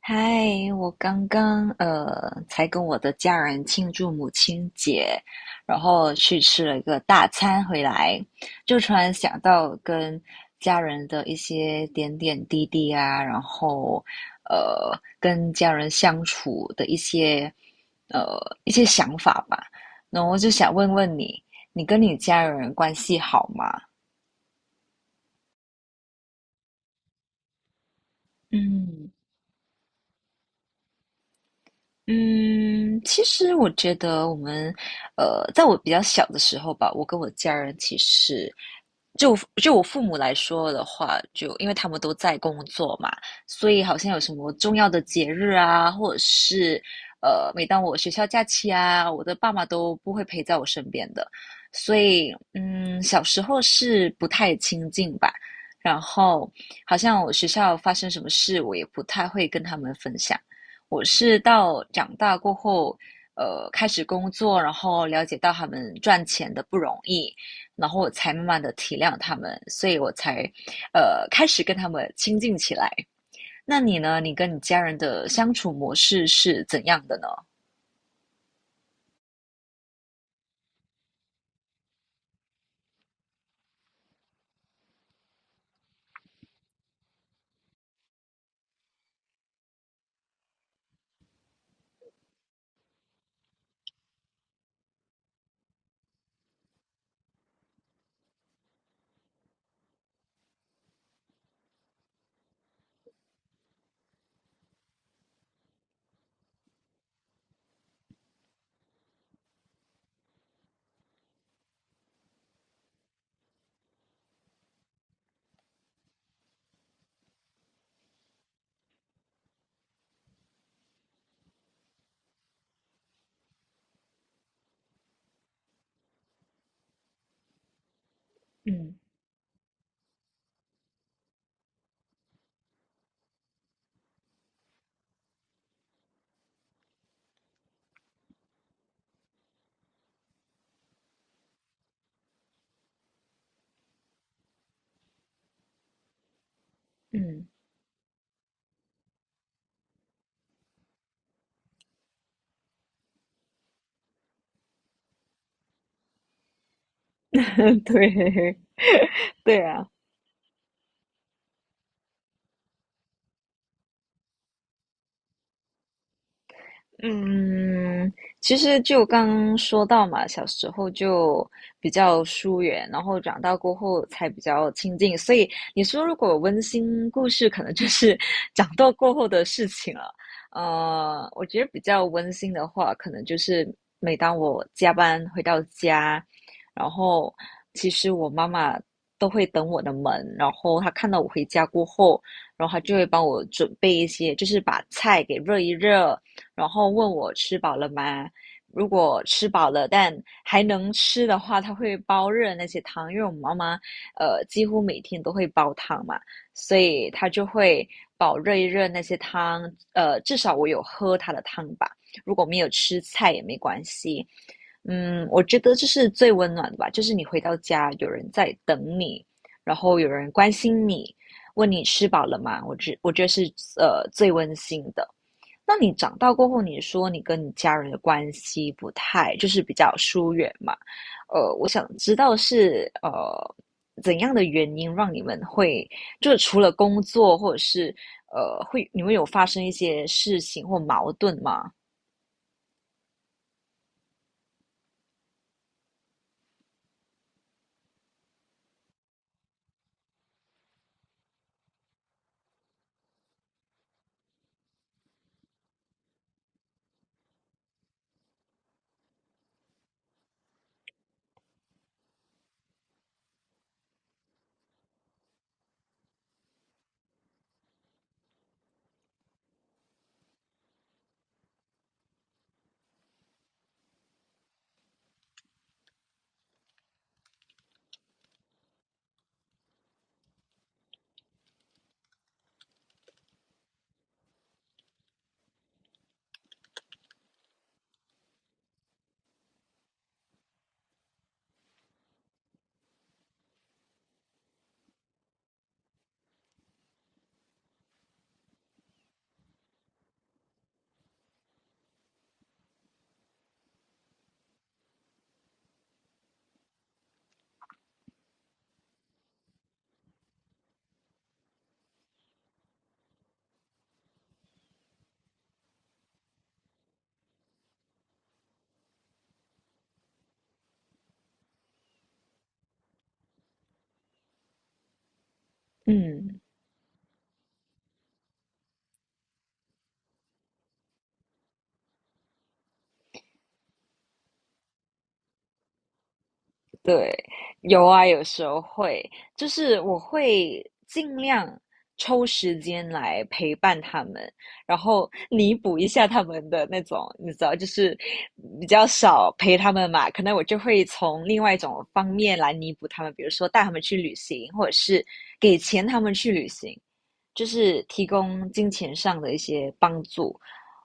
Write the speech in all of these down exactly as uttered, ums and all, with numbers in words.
嗨，我刚刚呃才跟我的家人庆祝母亲节，然后去吃了一个大餐回来，就突然想到跟家人的一些点点滴滴啊，然后呃跟家人相处的一些呃一些想法吧，然后我就想问问你，你跟你家人关系好吗？嗯。嗯，其实我觉得我们，呃，在我比较小的时候吧，我跟我家人其实，就我就我父母来说的话，就因为他们都在工作嘛，所以好像有什么重要的节日啊，或者是呃，每当我学校假期啊，我的爸妈都不会陪在我身边的，所以嗯，小时候是不太亲近吧，然后好像我学校发生什么事，我也不太会跟他们分享。我是到长大过后，呃，开始工作，然后了解到他们赚钱的不容易，然后我才慢慢的体谅他们，所以我才，呃，开始跟他们亲近起来。那你呢？你跟你家人的相处模式是怎样的呢？嗯嗯，对，对啊。嗯，其实就刚说到嘛，小时候就比较疏远，然后长大过后才比较亲近，所以你说如果温馨故事，可能就是 长大过后的事情了。呃，我觉得比较温馨的话，可能就是每当我加班回到家，然后其实我妈妈都会等我的门，然后她看到我回家过后，然后她就会帮我准备一些，就是把菜给热一热。然后问我吃饱了吗？如果吃饱了，但还能吃的话，他会煲热那些汤，因为我妈妈呃几乎每天都会煲汤嘛，所以她就会煲热一热那些汤，呃，至少我有喝她的汤吧。如果没有吃菜也没关系，嗯，我觉得这是最温暖的吧，就是你回到家，有人在等你，然后有人关心你，问你吃饱了吗？我觉我觉得是呃最温馨的。那你长大过后，你说你跟你家人的关系不太，就是比较疏远嘛？呃，我想知道是呃怎样的原因让你们会，就是除了工作或者是呃会，你们有发生一些事情或矛盾吗？嗯，对，有啊，有时候会，就是我会尽量抽时间来陪伴他们，然后弥补一下他们的那种，你知道，就是比较少陪他们嘛，可能我就会从另外一种方面来弥补他们，比如说带他们去旅行，或者是给钱他们去旅行，就是提供金钱上的一些帮助。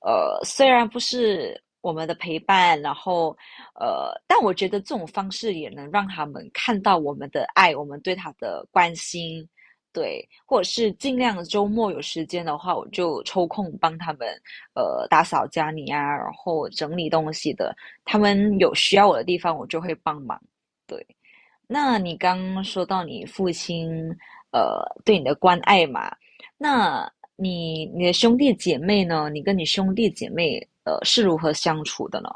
呃，虽然不是我们的陪伴，然后呃，但我觉得这种方式也能让他们看到我们的爱，我们对他的关心。对，或者是尽量周末有时间的话，我就抽空帮他们呃打扫家里啊，然后整理东西的，他们有需要我的地方，我就会帮忙，对。那你刚刚说到你父亲，呃，对你的关爱嘛，那你你的兄弟姐妹呢？你跟你兄弟姐妹，呃，是如何相处的呢？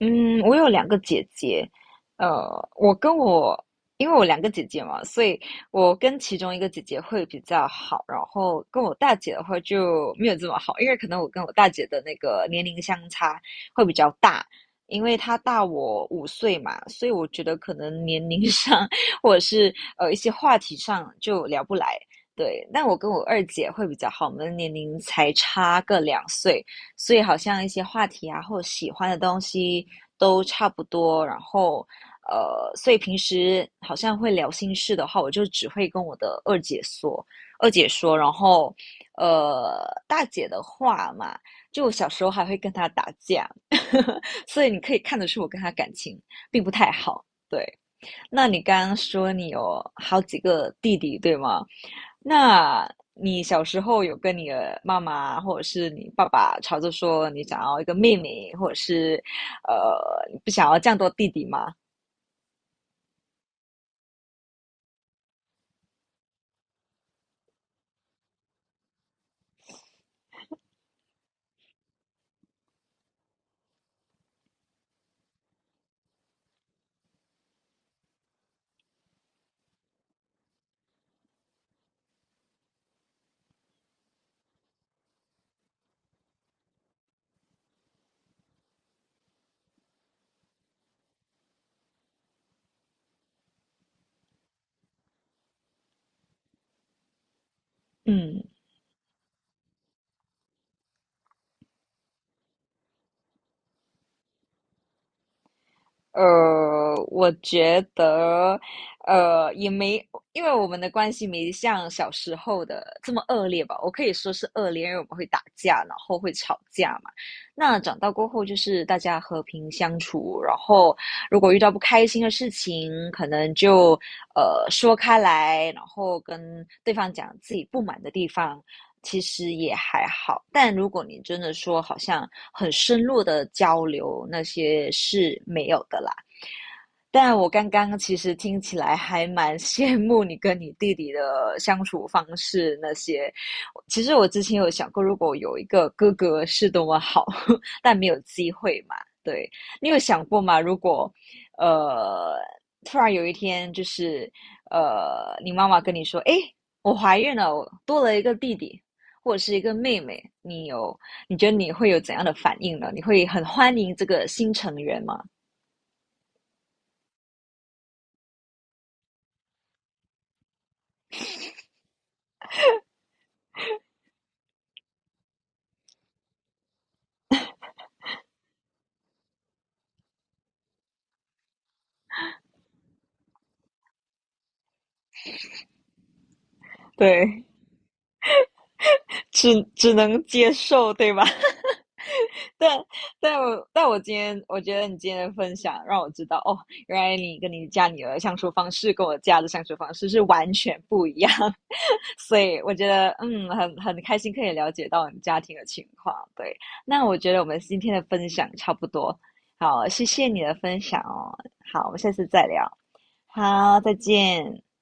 嗯，我有两个姐姐，呃，我跟我，因为我两个姐姐嘛，所以我跟其中一个姐姐会比较好，然后跟我大姐的话就没有这么好，因为可能我跟我大姐的那个年龄相差会比较大，因为她大我五岁嘛，所以我觉得可能年龄上 或者是呃一些话题上就聊不来。对，但我跟我二姐会比较好，我们的年龄才差个两岁，所以好像一些话题啊，或者喜欢的东西都差不多。然后，呃，所以平时好像会聊心事的话，我就只会跟我的二姐说，二姐说。然后，呃，大姐的话嘛，就我小时候还会跟她打架，所以你可以看得出我跟她感情并不太好。对，那你刚刚说你有好几个弟弟，对吗？那你小时候有跟你的妈妈或者是你爸爸吵着说你想要一个妹妹，或者是呃你不想要这样多弟弟吗？嗯。呃，我觉得，呃，也没，因为我们的关系没像小时候的这么恶劣吧。我可以说是恶劣，因为我们会打架，然后会吵架嘛。那长大过后就是大家和平相处，然后如果遇到不开心的事情，可能就呃说开来，然后跟对方讲自己不满的地方，其实也还好。但如果你真的说好像很深入的交流，那些是没有的啦。但我刚刚其实听起来还蛮羡慕你跟你弟弟的相处方式那些。其实我之前有想过，如果有一个哥哥是多么好，但没有机会嘛。对，你有想过吗？如果呃，突然有一天，就是呃，你妈妈跟你说：“哎，我怀孕了，我多了一个弟弟或者是一个妹妹。”你有，你觉得你会有怎样的反应呢？你会很欢迎这个新成员吗？对。只只能接受，对吧？但但我但我今天我觉得你今天的分享让我知道，哦，原来你跟你家女儿相处方式跟我家的相处方式是完全不一样，所以我觉得嗯，很很开心可以了解到你家庭的情况。对，那我觉得我们今天的分享差不多，好，谢谢你的分享哦，好，我们下次再聊，好，再见。